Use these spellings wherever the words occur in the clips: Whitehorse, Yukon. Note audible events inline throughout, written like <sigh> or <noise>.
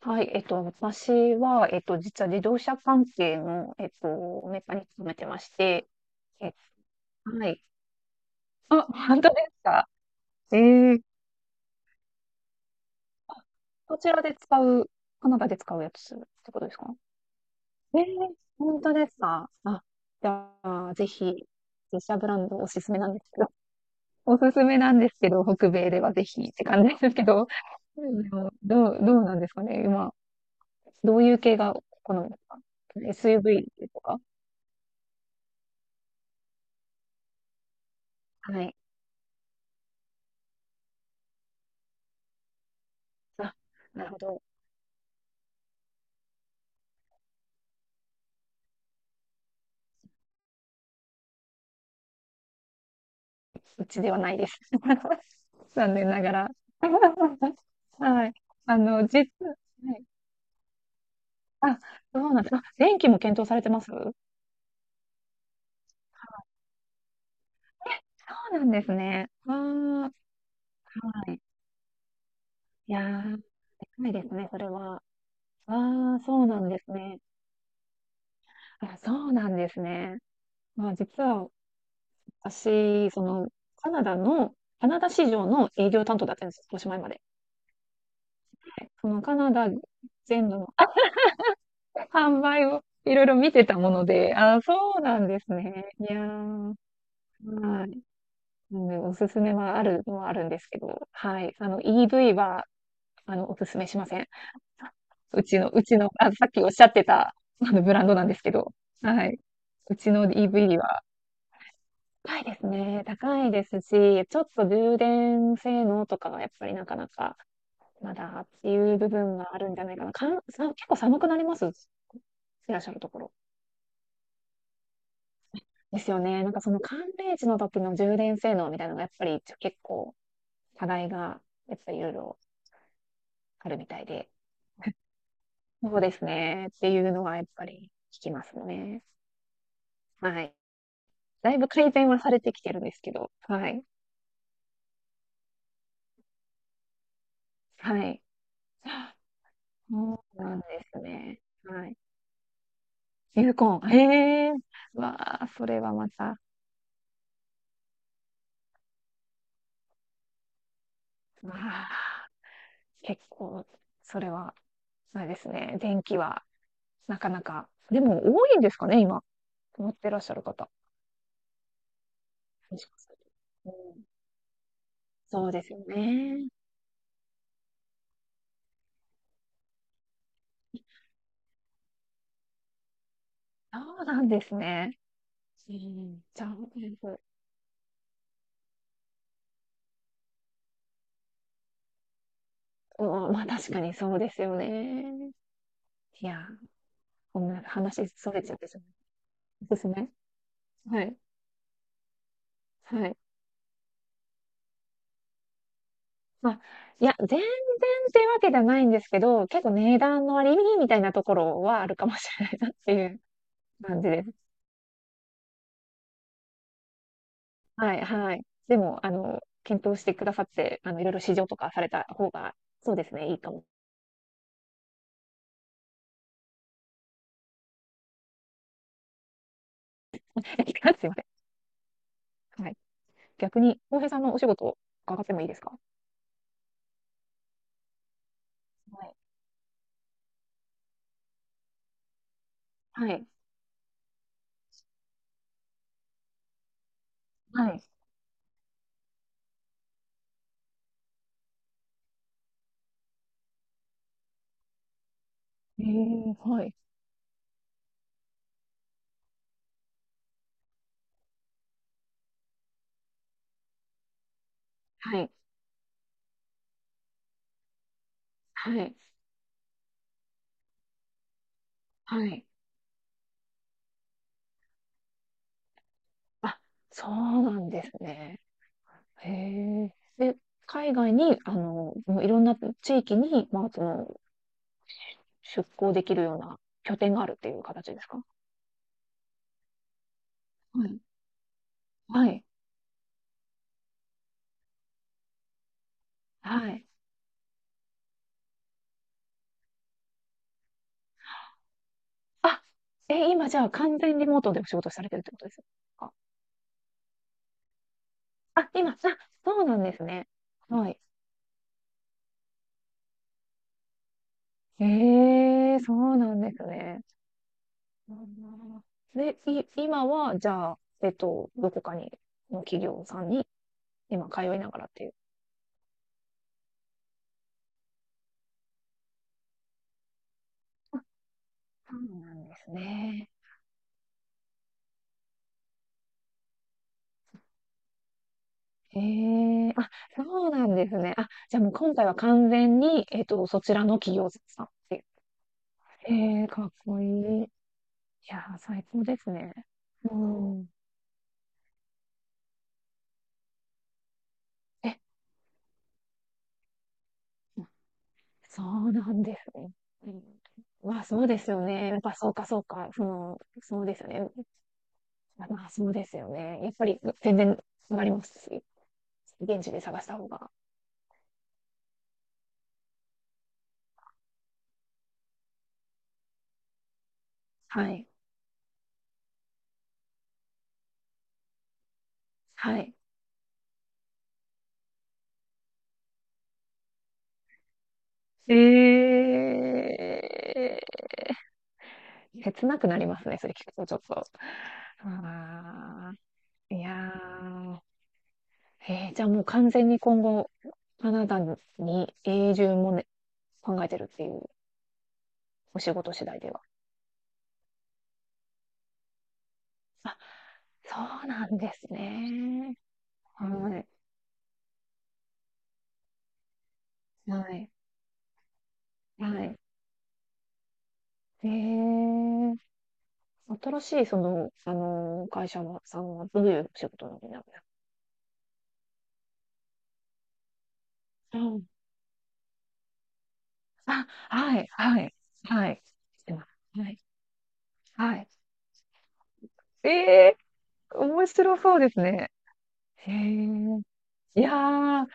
はい、私は、実は自動車関係の、メーカーに勤めてまして、え、はい。あ、本当ですか。えー、こちらで使う、カナダで使うやつってことですか？えー、本当ですか。あ、じゃあ、ぜひ、自社ブランドおすすめなんですけど、<laughs> おすすめなんですけど、北米ではぜひって感じですけど、<laughs> でもどうなんですかね、今、どういう系が好みですか？ SUV とか。はい。あ、なるほど。うちではないです。<laughs> 残念ながら。<laughs> はい。はい。あ、そうなんです。あ、電気も検討されてます。そうなんですね。ああ、はい。いやー、でかいですね、それは。ああ、そうなんですね。あ、そうなんですね。まあ、実は私、カナダの、カナダ市場の営業担当だったんです、おしまいまで。で、そのカナダ全土の販売をいろいろ見てたもので、あー、そうなんですね。いやー、はい。なのでおすすめはあるのはあるんですけど、はい。EV は、おすすめしません。うちの、あ、さっきおっしゃってた、あの、ブランドなんですけど、はい。うちの EV は、高いですね。高いですし、ちょっと充電性能とかがやっぱりなかなか、まだっていう部分があるんじゃないかな。かん、さ、結構寒くなります、いらっしゃるところ。ですよね。なんかその寒冷地の時の充電性能みたいなのがやっぱり結構課題がやっぱりいろいろあるみたいで。そうですね。っていうのはやっぱり聞きますね。はい。だいぶ改善はされてきてるんですけど。はい。はい。そうなんですね。はい。ユーコン。へえ。わあ、それはまた。わあ、結構、それは、あれですね。電気は、なかなか。でも多いんですかね、今。持ってらっしゃる方。もしかすると。うん、そうですよね。そうなんですね。うん、そうです。うん、まあ確かにそうですよね。いや、こんな話それちゃってしまう。おすすめ。はい。はい。まあ、いや、全然っていうわけではないんですけど、結構値段の割引みたいなところはあるかもしれないなっていう感じです。はい、はい。でも、検討してくださって、いろいろ試乗とかされた方が、そうですね、いいかも。<laughs> すいません。はい。逆に、浩平さんのお仕事を伺ってもいいですか？はい。はい。はい。えー、はい。はい。はい。はい。あ、そうなんですね。へえ。で、海外に、もういろんな地域に、まあ、出向できるような拠点があるっていう形ですか？はい。はい。はい。あ、今じゃあ完全リモートでお仕事されてるってことですか？あ、今、あ、そうなんですね。はい。ええ、そうなんですね。うん。で、今は、じゃあ、どこかに、の企業さんに、今、通いながらっていう。そうなんですね。へえ。あ、そうなんですね。あ、じゃあもう今回は完全に、そちらの企業さんっていう。へえ、かっこいい。いやー、最高ですね。うん。え、そうなんですね。うん。まあ、そうですよね。やっぱそうか、そうか。そうですよね。まあ、そうですよね。やっぱり、全然、わかります。現地で探した方が。はい。はい。ええー、切なくなりますね、それ聞くとちょっと。ああ、いやー、じゃあもう完全に今後、カナダに永住もね、考えてるっていう、お仕事次第では。あ、そうなんですね。はい、はい、はい。えー、新しい会社のさんはどういう仕事なんですか？あ、はい、はい、はい。では、はい、はい。ええ、面白そうですね。へえ。いやー、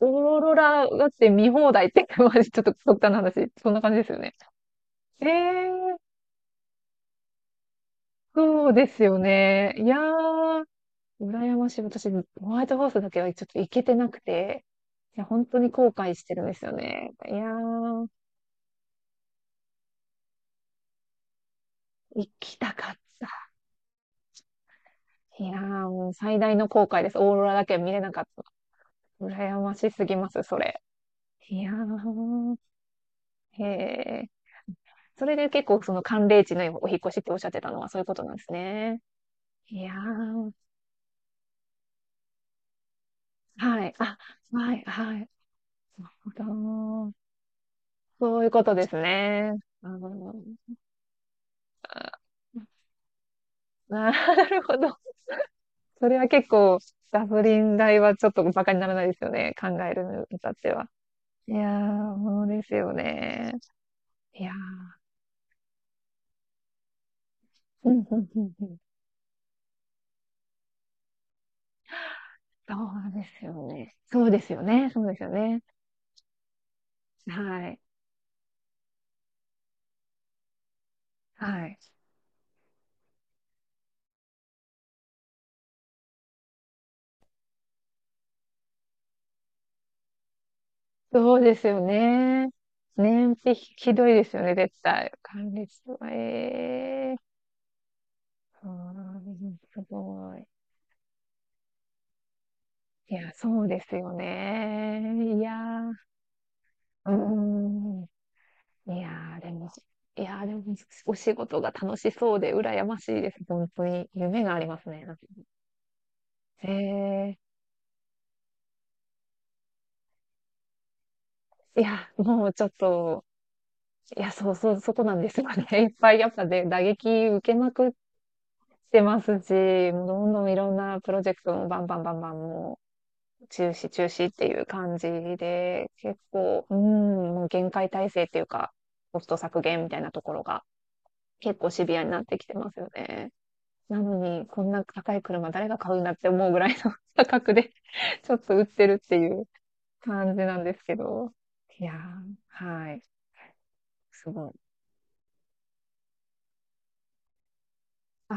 オーロラだって見放題って、<laughs> まじちょっと極端な話、そんな感じですよね。えー、そうですよね。いやー、羨ましい。私、ホワイトホースだけはちょっと行けてなくて、いや、本当に後悔してるんですよね。いやー、行きたかった。いやー、もう最大の後悔です。オーロラだけは見れなかった。羨ましすぎます、それ。いやー、へえ。それで結構その寒冷地のお引っ越しっておっしゃってたのはそういうことなんですね。いやー、はい、あ、はい、はい。なるほど。そういうことですね。あの、あ、なるほど。それは結構、ガソリン代はちょっとバカにならないですよね。考えるに至っては。いやー、そうですよね。いやー、うんうんうんうん。そうですよね。そうですよね。そうですよね。はい。はい。そうですよね。燃費ひどいですよね、絶対。管理室は。ええー、うーん、すごい。いや、そうですよね。いやー、うーん。いやー、でも、いやー、でも、お仕事が楽しそうで、羨ましいです。本当に。夢がありますね。ええー、いや、もうちょっと、いや、そうそう、そこなんですよね。<laughs> いっぱい、やっぱで、打撃受けまくっしてますし、もうどんどんいろんなプロジェクトもバンバンバンバンもう中止中止っていう感じで、結構、うん、もう限界体制っていうか、コスト削減みたいなところが結構シビアになってきてますよね。なのに、こんな高い車誰が買うんだって思うぐらいの <laughs> 価格で <laughs> ちょっと売ってるっていう感じなんですけど。いやー、はい、すごい。あ